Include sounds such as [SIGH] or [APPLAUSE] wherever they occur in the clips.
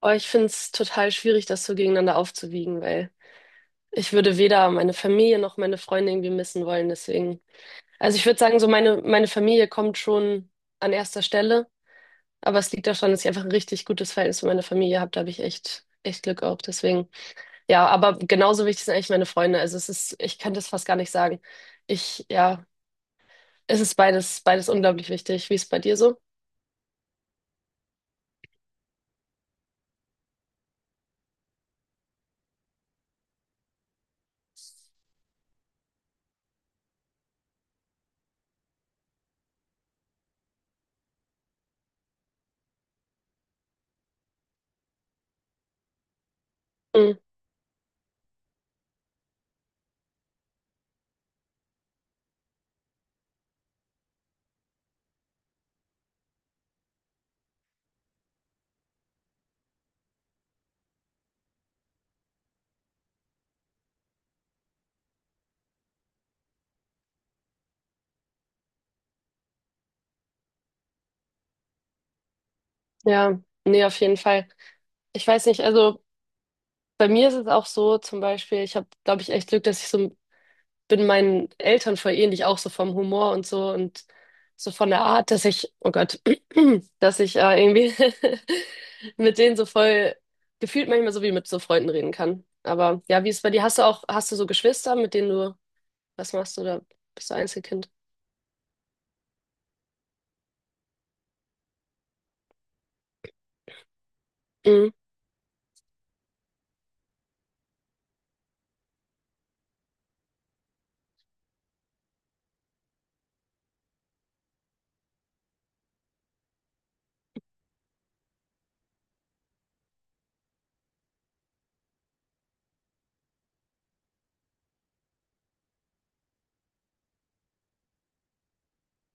Oh, ich finde es total schwierig, das so gegeneinander aufzuwiegen, weil ich würde weder meine Familie noch meine Freunde irgendwie missen wollen. Deswegen, also ich würde sagen, so meine Familie kommt schon an erster Stelle, aber es liegt daran, dass ich einfach ein richtig gutes Verhältnis mit meiner Familie habe. Da habe ich echt, echt Glück auch. Deswegen, ja, aber genauso wichtig sind eigentlich meine Freunde. Also es ist, ich kann das fast gar nicht sagen. Ja, es ist beides, beides unglaublich wichtig. Wie ist es bei dir so? Hm, ja, nee, auf jeden Fall. Ich weiß nicht, also. Bei mir ist es auch so, zum Beispiel, ich habe, glaube ich, echt Glück, dass ich so bin meinen Eltern voll ähnlich, auch so vom Humor und so von der Art, dass ich, oh Gott, [CLEARS THROAT] dass ich irgendwie [LAUGHS] mit denen so voll gefühlt manchmal so wie mit so Freunden reden kann. Aber ja, wie ist es bei dir? Hast du so Geschwister, was machst du da? Bist du Einzelkind? Mhm.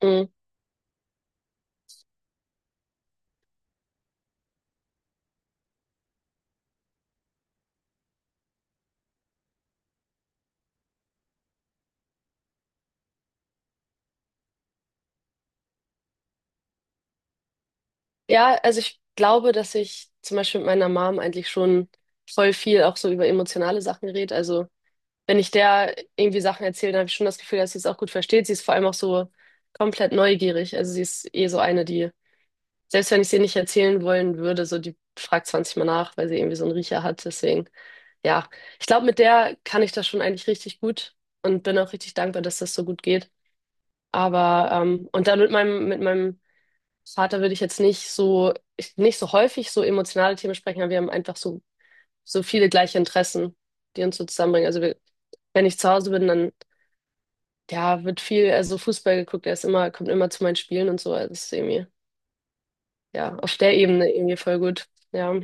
Mhm. Ja, also ich glaube, dass ich zum Beispiel mit meiner Mom eigentlich schon voll viel auch so über emotionale Sachen rede. Also wenn ich der irgendwie Sachen erzähle, dann habe ich schon das Gefühl, dass sie es auch gut versteht. Sie ist vor allem auch so komplett neugierig. Also sie ist eh so eine, die, selbst wenn ich sie nicht erzählen wollen würde, so die fragt 20 Mal nach, weil sie irgendwie so einen Riecher hat. Deswegen, ja, ich glaube, mit der kann ich das schon eigentlich richtig gut und bin auch richtig dankbar, dass das so gut geht. Aber, und dann mit meinem Vater würde ich jetzt nicht so, ich, nicht so häufig so emotionale Themen sprechen, aber wir haben einfach so viele gleiche Interessen, die uns so zusammenbringen. Also wir, wenn ich zu Hause bin, dann ja, wird viel, also Fußball geguckt, er ist immer, kommt immer zu meinen Spielen und so, also das ist irgendwie, ja, auf der Ebene irgendwie voll gut, ja.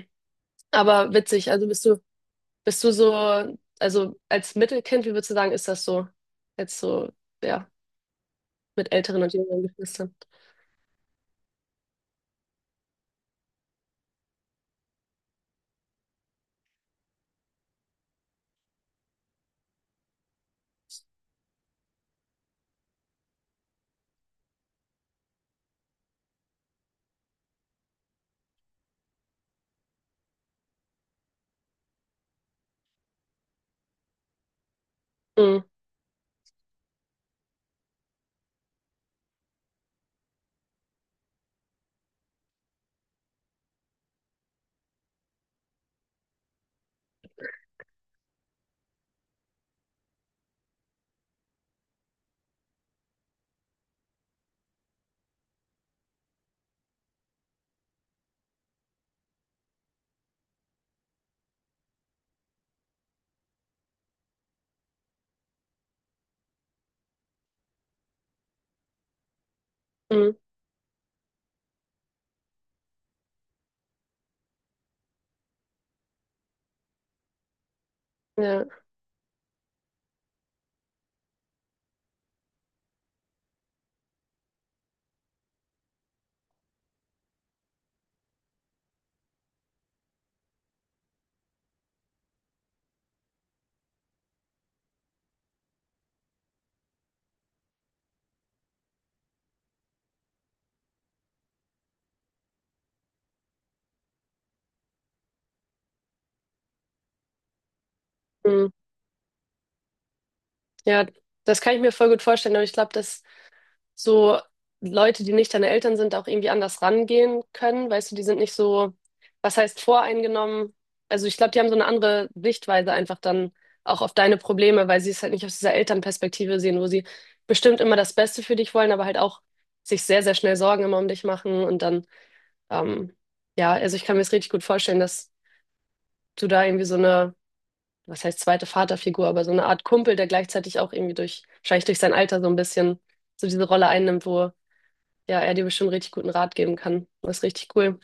Aber witzig, also bist du so, also als Mittelkind, wie würdest du sagen, ist das so, jetzt so, ja, mit älteren und jüngeren Geschwistern? Mm, mm, ja, mm, ja, das kann ich mir voll gut vorstellen, aber ich glaube, das so Leute, die nicht deine Eltern sind, auch irgendwie anders rangehen können. Weißt du, die sind nicht so, was heißt voreingenommen? Also ich glaube, die haben so eine andere Sichtweise einfach dann auch auf deine Probleme, weil sie es halt nicht aus dieser Elternperspektive sehen, wo sie bestimmt immer das Beste für dich wollen, aber halt auch sich sehr, sehr schnell Sorgen immer um dich machen und dann, ähm, ja, also ich kann mir das richtig gut vorstellen, dass du da irgendwie so eine, was heißt zweite Vaterfigur, aber so eine Art Kumpel, der gleichzeitig auch irgendwie wahrscheinlich durch sein Alter so ein bisschen so diese Rolle einnimmt, wo ja, er dir bestimmt richtig guten Rat geben kann. Das ist richtig cool.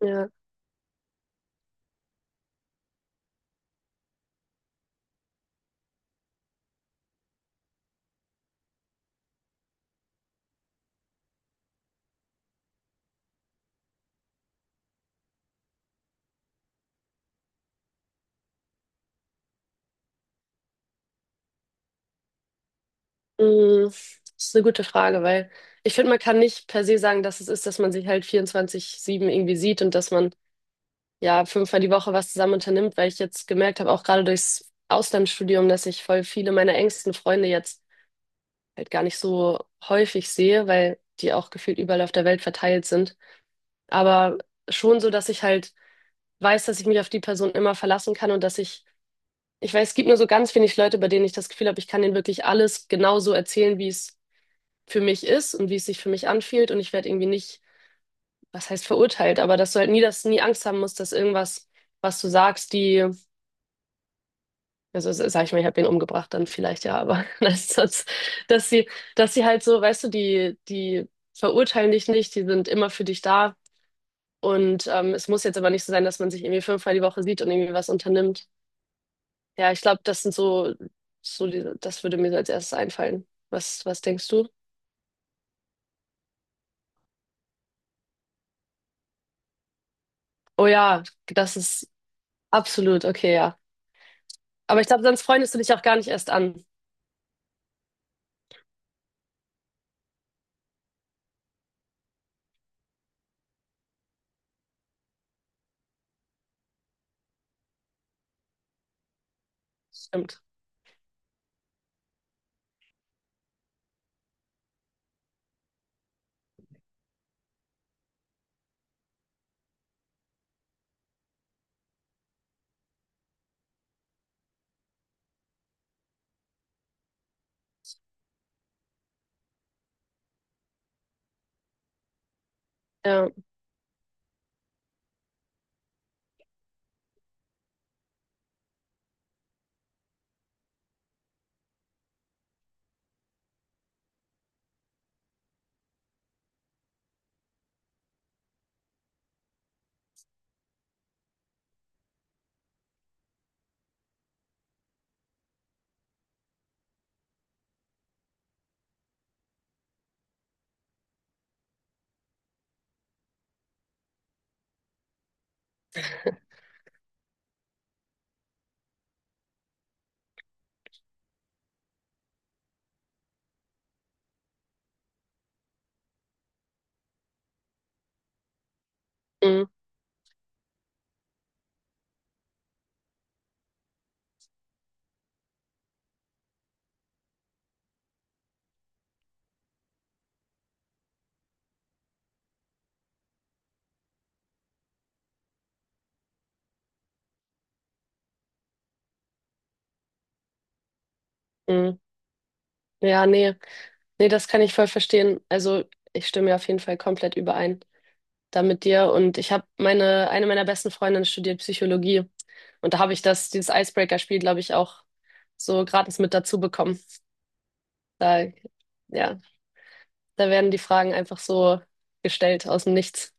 Ja, mm, das ist eine gute Frage, weil ich finde, man kann nicht per se sagen, dass es ist, dass man sich halt 24/7 irgendwie sieht und dass man ja fünfmal die Woche was zusammen unternimmt, weil ich jetzt gemerkt habe, auch gerade durchs Auslandsstudium, dass ich voll viele meiner engsten Freunde jetzt halt gar nicht so häufig sehe, weil die auch gefühlt überall auf der Welt verteilt sind. Aber schon so, dass ich halt weiß, dass ich mich auf die Person immer verlassen kann und dass ich ich weiß, es gibt nur so ganz wenig Leute, bei denen ich das Gefühl habe, ich kann denen wirklich alles genauso erzählen, wie es für mich ist und wie es sich für mich anfühlt. Und ich werde irgendwie nicht, was heißt verurteilt, aber dass du halt nie das, nie Angst haben musst, dass irgendwas, was du sagst, also sag ich mal, ich habe den umgebracht, dann vielleicht ja, aber [LAUGHS] dass sie, dass sie halt so, weißt du, die verurteilen dich nicht, die sind immer für dich da. Und es muss jetzt aber nicht so sein, dass man sich irgendwie fünfmal die Woche sieht und irgendwie was unternimmt. Ja, ich glaube, das sind so, so diese, das würde mir so als erstes einfallen. Was, was denkst du? Oh ja, das ist absolut okay, ja. Aber ich glaube, sonst freundest du dich auch gar nicht erst an. Stimmt. Ja, mm, mm. Ja, nee, nee, das kann ich voll verstehen. Also, ich stimme ja auf jeden Fall komplett überein da mit dir. Und ich habe meine, eine meiner besten Freundinnen studiert Psychologie. Und da habe ich dieses Icebreaker-Spiel, glaube ich, auch so gratis mit dazu bekommen. Da, ja. Da werden die Fragen einfach so gestellt aus dem Nichts.